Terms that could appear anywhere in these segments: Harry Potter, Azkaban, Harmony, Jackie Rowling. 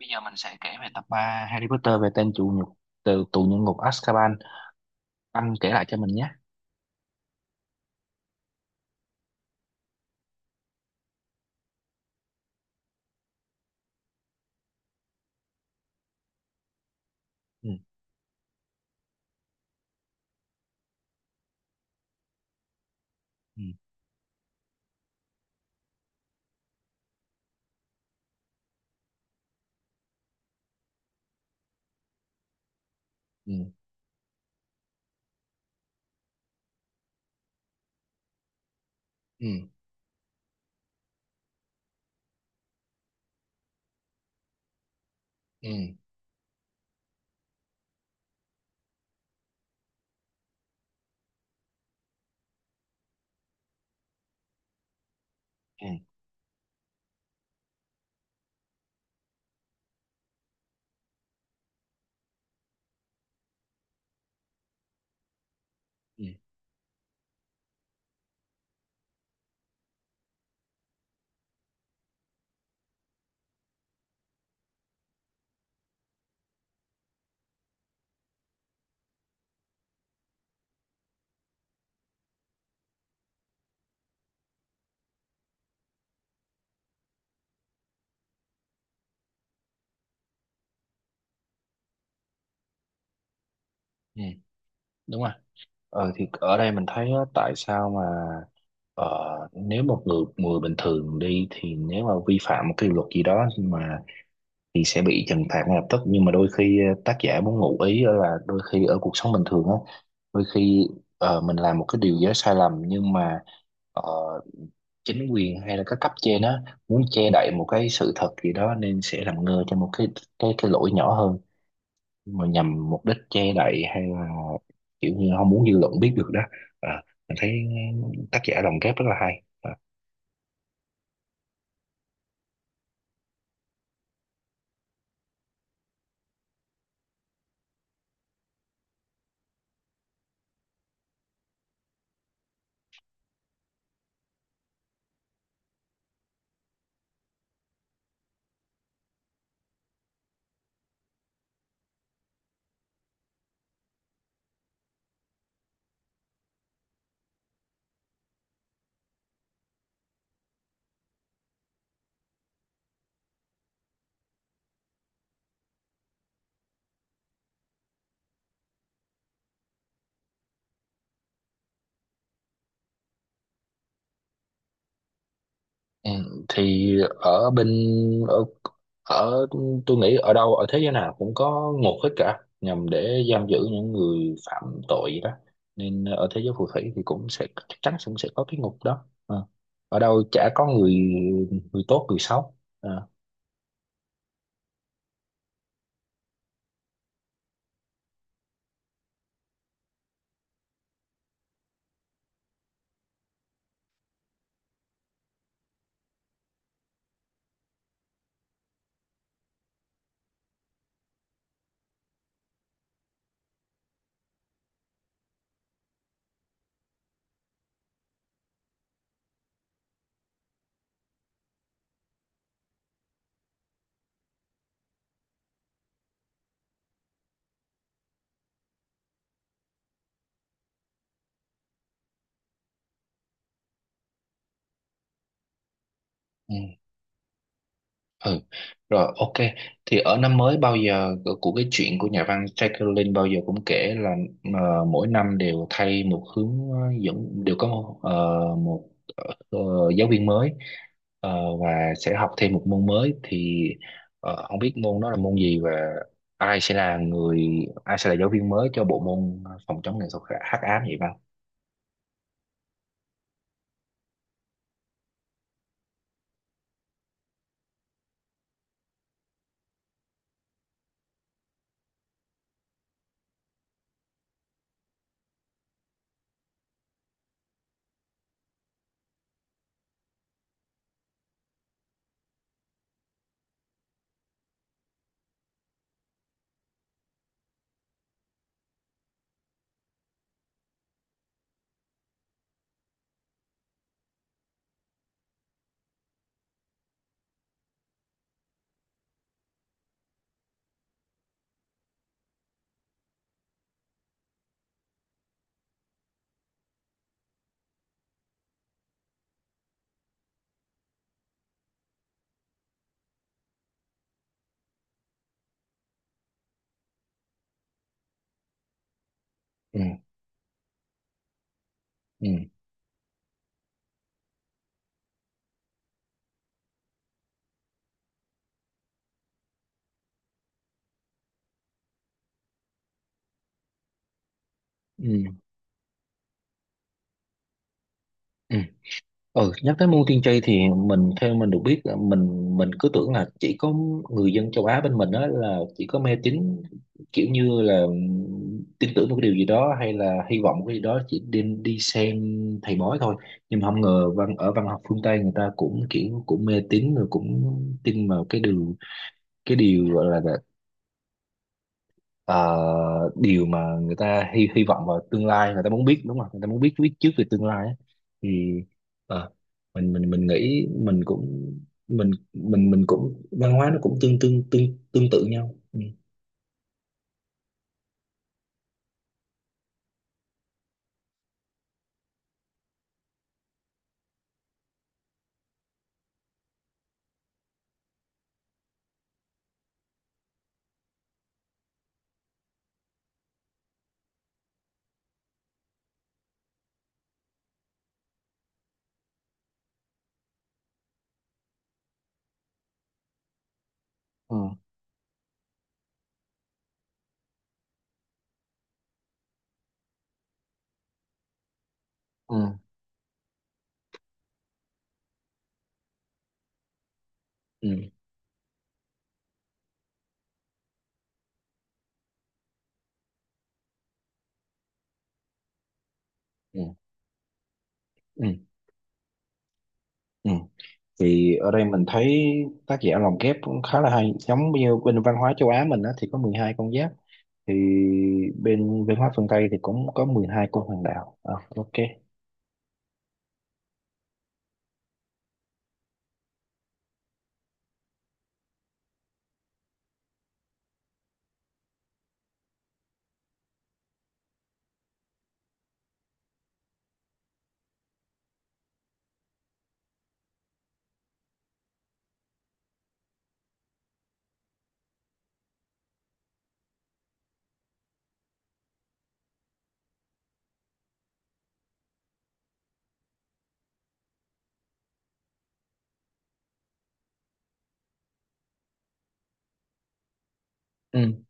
Bây giờ mình sẽ kể về tập 3 Harry Potter về tên tù nhục từ tù nhân ngục Azkaban. Anh kể lại cho mình nhé. Ừ, ừ, ừ, ừ, ừ, ừ, ừ, ừ. Đúng rồi. Thì ở đây mình thấy á, tại sao mà nếu một người người bình thường đi thì nếu mà vi phạm một cái luật gì đó nhưng mà thì sẽ bị trừng phạt ngay lập tức, nhưng mà đôi khi tác giả muốn ngụ ý á là đôi khi ở cuộc sống bình thường á, đôi khi mình làm một cái điều gì đó sai lầm nhưng mà ờ, chính quyền hay là các cấp trên á muốn che đậy một cái sự thật gì đó nên sẽ làm ngơ cho một cái lỗi nhỏ hơn mà nhằm mục đích che đậy hay là kiểu như không muốn dư luận biết được đó. À, mình thấy tác giả lồng ghép rất là hay. Ừ, thì ở bên ở ở tôi nghĩ ở đâu ở thế giới nào cũng có ngục hết cả, nhằm để giam giữ những người phạm tội vậy đó, nên ở thế giới phù thủy thì cũng sẽ chắc chắn cũng sẽ có cái ngục đó. Ờ. Ở đâu chả có người người tốt người xấu. Ờ. Ừ. Ừ, rồi ok. Thì ở năm mới bao giờ của cái chuyện của nhà văn Jackie Rowling bao giờ cũng kể là mỗi năm đều thay một hướng dẫn, đều có ờ, giáo viên mới, và sẽ học thêm một môn mới, thì không biết môn đó là môn gì và ai sẽ là người ai sẽ là giáo viên mới cho bộ môn phòng chống nghệ thuật hắc ám vậy Văn? Ừ, ừ, Ừ. Ừ. Ừ, nhắc tới môn tiên tri thì theo mình được biết là mình cứ tưởng là chỉ có người dân châu Á bên mình đó là chỉ có mê tín, kiểu như là tin tưởng một cái điều gì đó hay là hy vọng một cái gì đó chỉ đi đi xem thầy bói thôi, nhưng mà không ngờ văn ở văn học phương Tây người ta cũng kiểu cũng mê tín rồi cũng tin vào cái điều gọi là ờ, điều mà người ta hy hy vọng vào tương lai, người ta muốn biết đúng không, người ta muốn biết biết trước về tương lai á. Thì ờ, mình nghĩ mình cũng mình cũng văn hóa nó cũng tương tương tương tương tự nhau. Ừ. Ừ ừ Ừ, ừ, ừ, ừ. Thì ở đây mình thấy tác giả lồng ghép cũng khá là hay. Giống như bên văn hóa châu Á mình á, thì có 12 con giáp. Thì bên văn hóa phương Tây thì cũng có 12 con hoàng đạo. Ờ, ok. Ừ,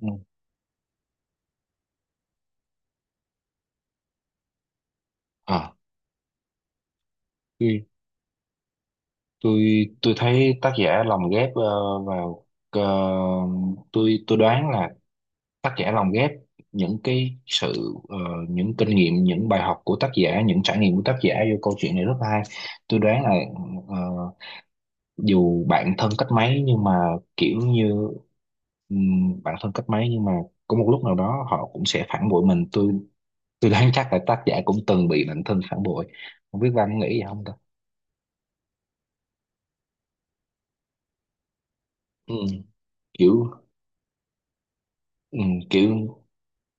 ừ. À. tôi tôi thấy tác giả lồng ghép vào, tôi đoán là tác giả lồng ghép những cái sự, những kinh nghiệm, những bài học của tác giả, những trải nghiệm của tác giả vô câu chuyện này rất hay. Tôi đoán là ờ, dù bạn thân cách mấy nhưng mà kiểu như bạn thân cách mấy nhưng mà có một lúc nào đó họ cũng sẽ phản bội mình. Tôi đoán chắc là tác giả cũng từng bị bạn thân phản bội. Không biết Văn nghĩ gì không ta. Ừ, kiểu. Ừ, kiểu.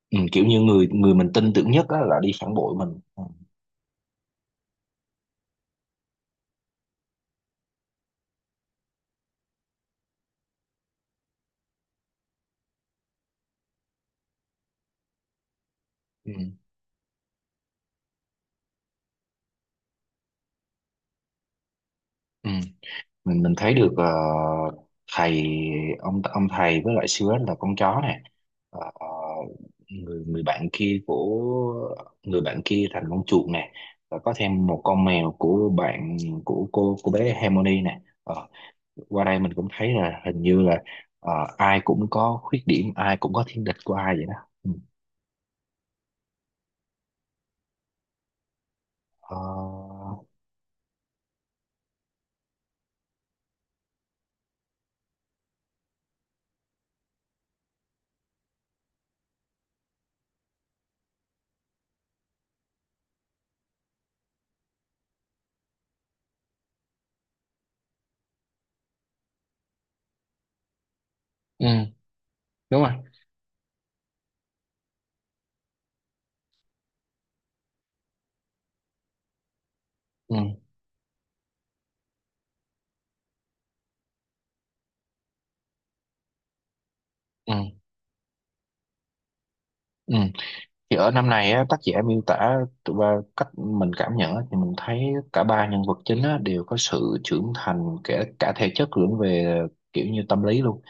Ừ, kiểu như người người mình tin tưởng nhất á, là đi phản bội mình. Ừ, ừ. Ừ. mình thấy được thầy ông thầy với lại siêu là con chó này. Ờ, người người bạn kia của người bạn kia thành con chuột này, và có thêm một con mèo của bạn của cô bé Harmony này. Ờ, qua đây mình cũng thấy là hình như là ờ, ai cũng có khuyết điểm, ai cũng có thiên địch của ai vậy đó. Ừ. Ờ, ừ, đúng rồi, ừ, ừ, ừ. Thì ở năm này á, tác giả miêu tả tụi ba cách mình cảm nhận á, thì mình thấy cả ba nhân vật chính á, đều có sự trưởng thành kể cả thể chất lẫn về kiểu như tâm lý luôn.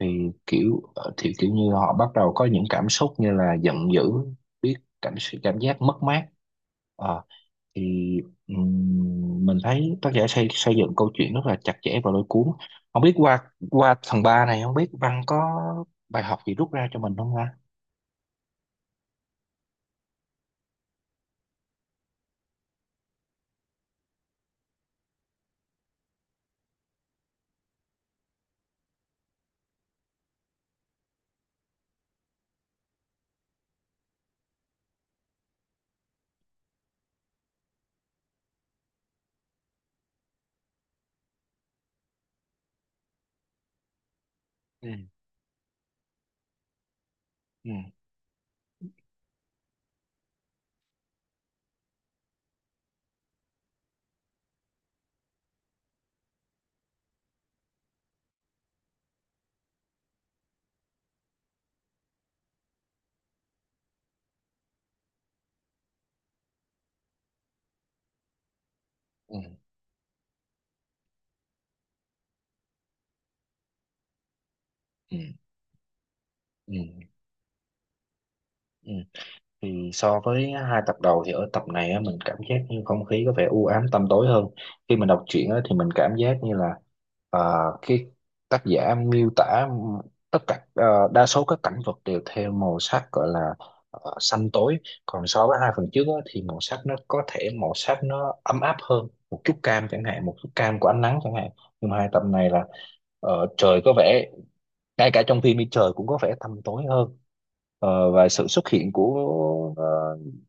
Thì thì kiểu như họ bắt đầu có những cảm xúc như là giận dữ, biết cảm cảm giác mất mát. Ờ, thì mình thấy tác giả xây xây dựng câu chuyện rất là chặt chẽ và lôi cuốn. Không biết qua qua phần 3 này, không biết Văn có bài học gì rút ra cho mình không ha. Ừ ừ ừ ừ. Ừ, ừ. Thì so với hai tập đầu thì ở tập này á, mình cảm giác như không khí có vẻ u ám tăm tối hơn. Khi mình đọc truyện á, thì mình cảm giác như là ờ, cái tác giả miêu tả tất cả đa số các cảnh vật đều theo màu sắc gọi là xanh tối. Còn so với hai phần trước á, thì màu sắc nó có thể màu sắc nó ấm áp hơn, một chút cam chẳng hạn, một chút cam của ánh nắng chẳng hạn. Nhưng mà hai tập này là trời có vẻ, ngay cả trong phim đi trời cũng có vẻ tăm tối hơn. Và sự xuất hiện của ờ,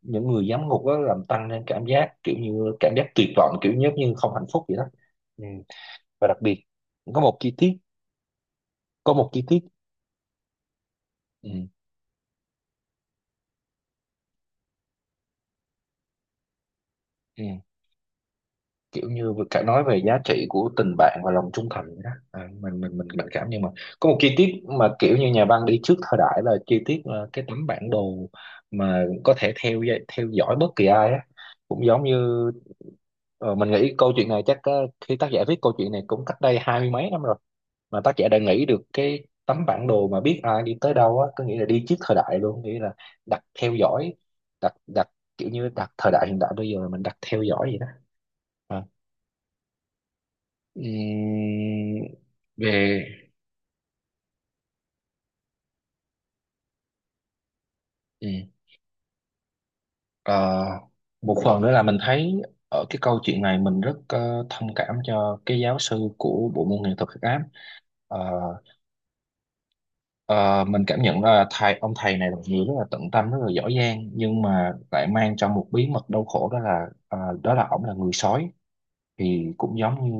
những người giám ngục đó làm tăng lên cảm giác, kiểu như cảm giác tuyệt vọng, kiểu giống như không hạnh phúc vậy đó. Ừ. Và đặc biệt có một chi tiết có một chi tiết. Ừ. Ừ. Kiểu như vừa cả nói về giá trị của tình bạn và lòng trung thành vậy đó. À, mình cảm nhưng mà có một chi tiết mà kiểu như nhà văn đi trước thời đại, là chi tiết là cái tấm bản đồ mà có thể theo dõi bất kỳ ai á, cũng giống như. Mình nghĩ câu chuyện này chắc khi tác giả viết câu chuyện này cũng cách đây hai mươi mấy năm rồi, mà tác giả đã nghĩ được cái tấm bản đồ mà biết ai đi tới đâu á, có nghĩa là đi trước thời đại luôn, nghĩa là đặt theo dõi, đặt đặt kiểu như đặt thời đại hiện đại bây giờ mình đặt theo dõi vậy đó. À. Ừm, về ừm, ờ, Một phần nữa là mình thấy ở cái câu chuyện này mình rất thông cảm cho cái giáo sư của bộ môn nghệ thuật hắc ám. Ờ, Ờ, mình cảm nhận là thầy, ông thầy này là một người rất là tận tâm, rất là giỏi giang, nhưng mà lại mang trong một bí mật đau khổ, đó là ổng là người sói. Thì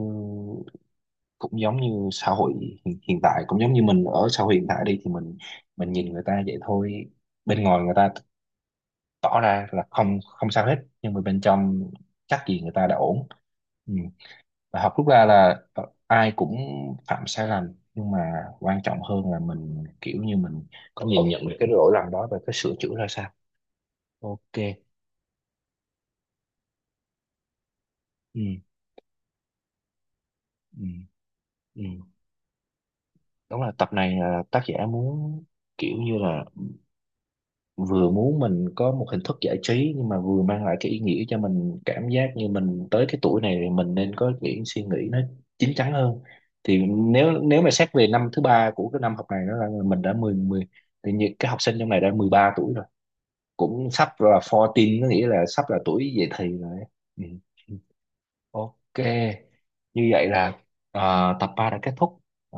cũng giống như xã hội hiện tại, cũng giống như mình ở xã hội hiện tại đi thì mình nhìn người ta vậy thôi, bên ngoài người ta tỏ ra là không không sao hết, nhưng mà bên trong chắc gì người ta đã ổn. Ừ. Và học rút ra là ai cũng phạm sai lầm, nhưng mà quan trọng hơn là mình kiểu như mình có nhìn nhận được cái lỗi lầm đó và cái sửa chữa ra sao. Ok. Ừ, ừ, ừ. Đúng là tập này là tác giả muốn, kiểu như là vừa muốn mình có một hình thức giải trí nhưng mà vừa mang lại cái ý nghĩa cho mình, cảm giác như mình tới cái tuổi này thì mình nên có những suy nghĩ nó chín chắn hơn. Thì nếu nếu mà xét về năm thứ ba của cái năm học này nó là mình đã mười mười, thì những cái học sinh trong này đã 13 tuổi rồi, cũng sắp là 14, có nghĩa là sắp là tuổi dậy thì rồi. Ừ. Ok. Như vậy là à, tập 3 đã kết thúc. À,